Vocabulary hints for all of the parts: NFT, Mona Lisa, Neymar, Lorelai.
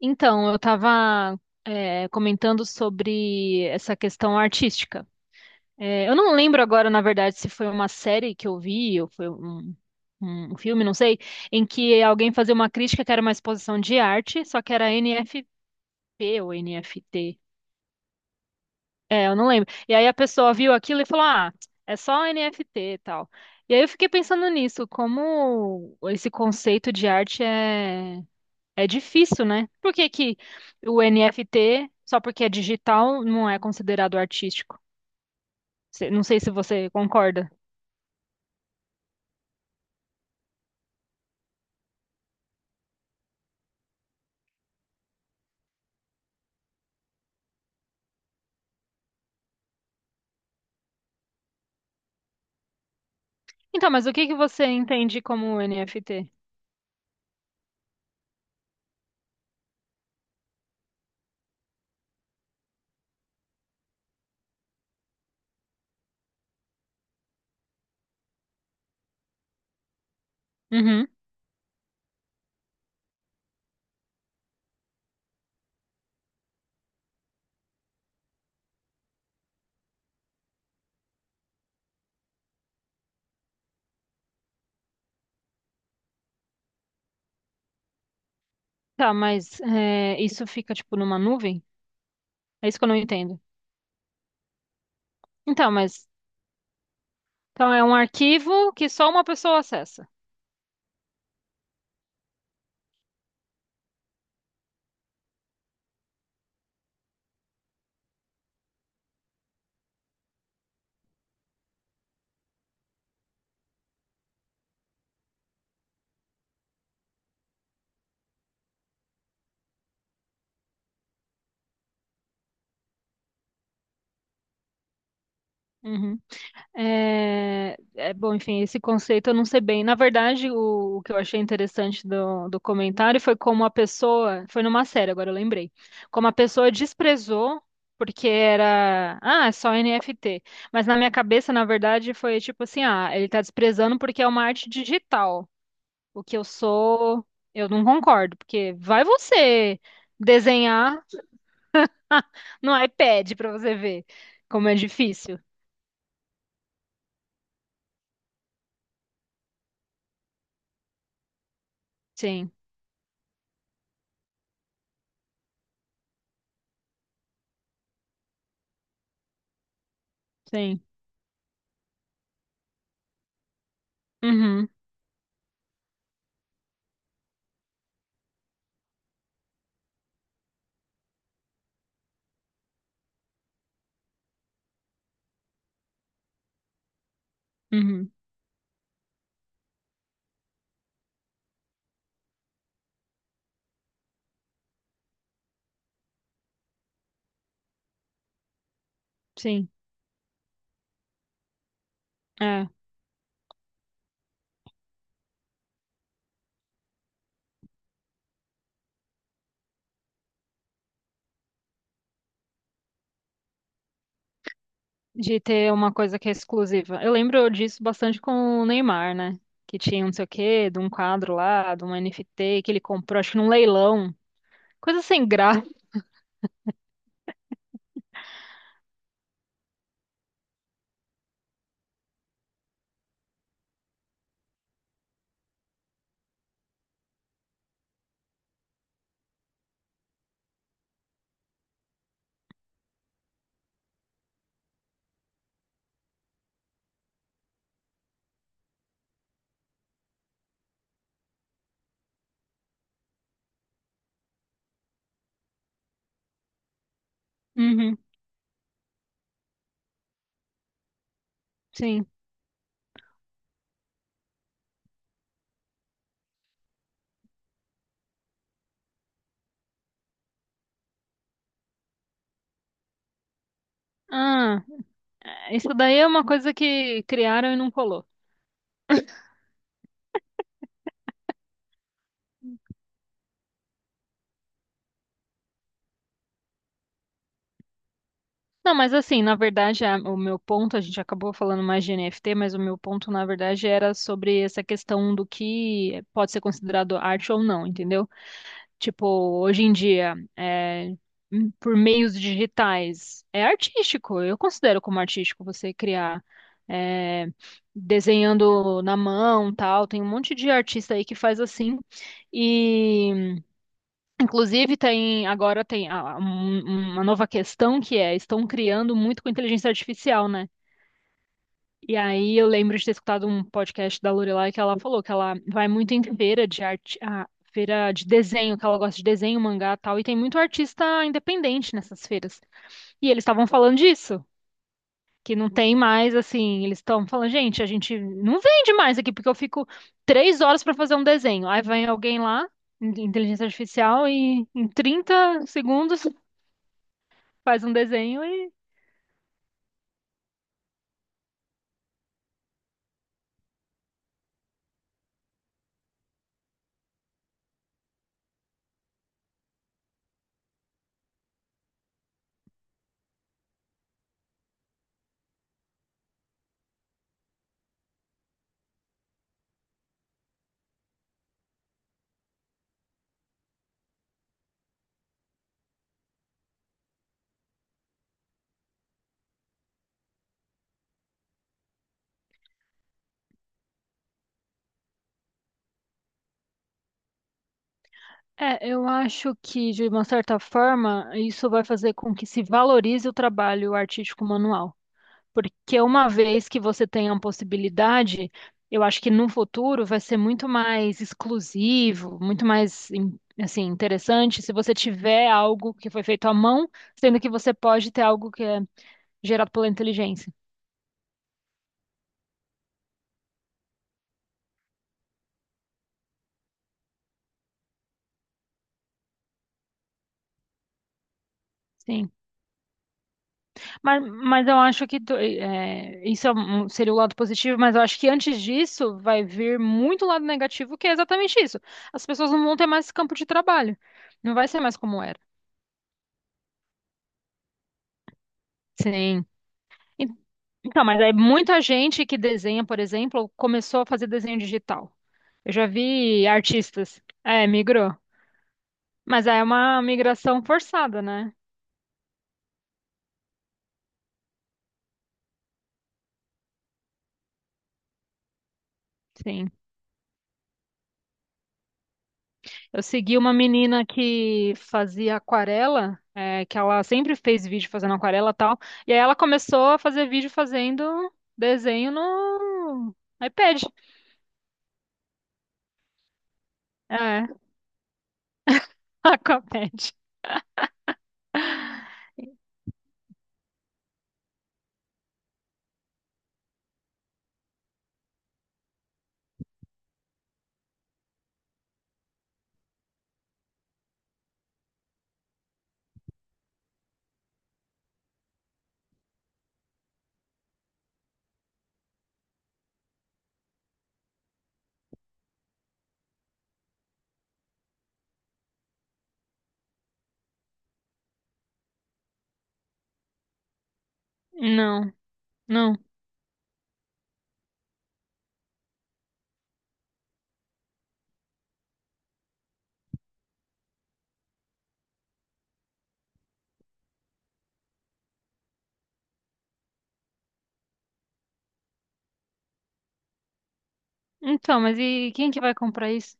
Então, eu estava comentando sobre essa questão artística. Eu não lembro agora, na verdade, se foi uma série que eu vi ou foi um filme, não sei, em que alguém fazia uma crítica que era uma exposição de arte, só que era NFP ou NFT. Eu não lembro. E aí a pessoa viu aquilo e falou: "Ah, é só NFT e tal." E aí eu fiquei pensando nisso, como esse conceito de arte é. É difícil, né? Por que que o NFT, só porque é digital, não é considerado artístico? Não sei se você concorda. Então, mas o que que você entende como NFT? Uhum. Tá, mas isso fica tipo numa nuvem? É isso que eu não entendo. Então, mas então, é um arquivo que só uma pessoa acessa. Uhum. Bom, enfim, esse conceito eu não sei bem. Na verdade, o que eu achei interessante do comentário foi como a pessoa, foi numa série, agora eu lembrei, como a pessoa desprezou porque era, ah, é só NFT. Mas na minha cabeça, na verdade, foi tipo assim, ah, ele tá desprezando porque é uma arte digital. O que eu sou, eu não concordo, porque vai você desenhar no iPad pra você ver como é difícil. Sim, sim. Uhum, uhum, sim. É, de ter uma coisa que é exclusiva. Eu lembro disso bastante com o Neymar, né? Que tinha um não sei o quê, de um quadro lá, de um NFT que ele comprou, acho que num leilão. Coisa sem graça. Uhum, sim. Ah, é, isso daí é uma coisa que criaram e não colou. Não, mas assim, na verdade, o meu ponto, a gente acabou falando mais de NFT, mas o meu ponto, na verdade, era sobre essa questão do que pode ser considerado arte ou não, entendeu? Tipo, hoje em dia, por meios digitais, é artístico. Eu considero como artístico você criar é, desenhando na mão, tal. Tem um monte de artista aí que faz assim. E, inclusive, tem agora tem uma nova questão que é, estão criando muito com inteligência artificial, né? E aí eu lembro de ter escutado um podcast da Lorelai que ela falou que ela vai muito em feira de arte, ah, feira de desenho, que ela gosta de desenho, mangá, e tal, e tem muito artista independente nessas feiras. E eles estavam falando disso, que não tem mais assim, eles estão falando, gente, a gente não vende mais aqui porque eu fico 3 horas para fazer um desenho. Aí vem alguém lá, inteligência artificial, e em 30 segundos faz um desenho. É, eu acho que, de uma certa forma, isso vai fazer com que se valorize o trabalho artístico manual. Porque uma vez que você tenha uma possibilidade, eu acho que no futuro vai ser muito mais exclusivo, muito mais, assim, interessante se você tiver algo que foi feito à mão, sendo que você pode ter algo que é gerado pela inteligência. Sim. Mas eu acho que isso é seria o lado positivo, mas eu acho que antes disso vai vir muito lado negativo, que é exatamente isso. As pessoas não vão ter mais campo de trabalho. Não vai ser mais como era. Sim. E- Então, mas é muita gente que desenha, por exemplo, começou a fazer desenho digital. Eu já vi artistas. É, migrou. Mas aí é uma migração forçada, né? Sim. Eu segui uma menina que fazia aquarela, é, que ela sempre fez vídeo fazendo aquarela e tal. E aí ela começou a fazer vídeo fazendo desenho no iPad. É, Aquapad. Não, não. Então, mas e quem que vai comprar isso?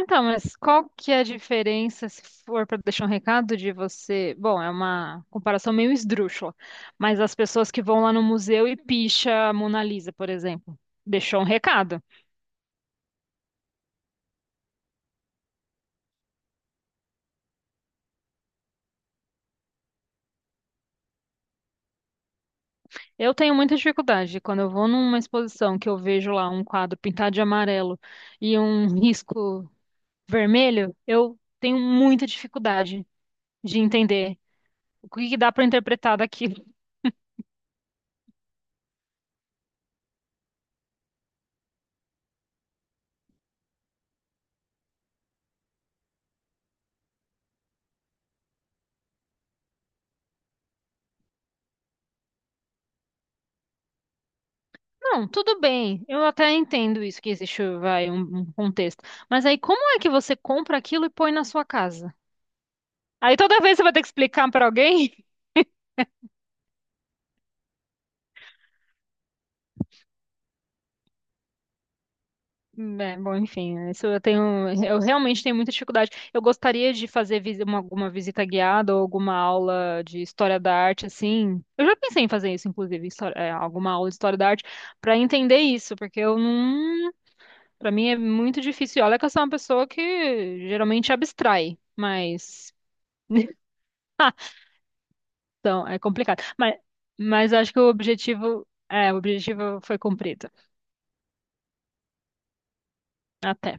Então, mas qual que é a diferença, se for para deixar um recado de você? Bom, é uma comparação meio esdrúxula, mas as pessoas que vão lá no museu e picha a Mona Lisa, por exemplo, deixou um recado. Eu tenho muita dificuldade quando eu vou numa exposição que eu vejo lá um quadro pintado de amarelo e um risco vermelho, eu tenho muita dificuldade de entender o que que dá para interpretar daquilo. Não, tudo bem, eu até entendo isso que existe, vai, um contexto. Mas aí como é que você compra aquilo e põe na sua casa? Aí toda vez você vai ter que explicar para alguém? É, bom, enfim, isso eu tenho, eu realmente tenho muita dificuldade. Eu gostaria de fazer alguma visita guiada ou alguma aula de história da arte, assim. Eu já pensei em fazer isso, inclusive, alguma aula de história da arte, para entender isso, porque eu não, para mim é muito difícil. E olha que eu sou uma pessoa que geralmente abstrai, mas então é complicado. Mas acho que o objetivo, é, o objetivo foi cumprido. Até.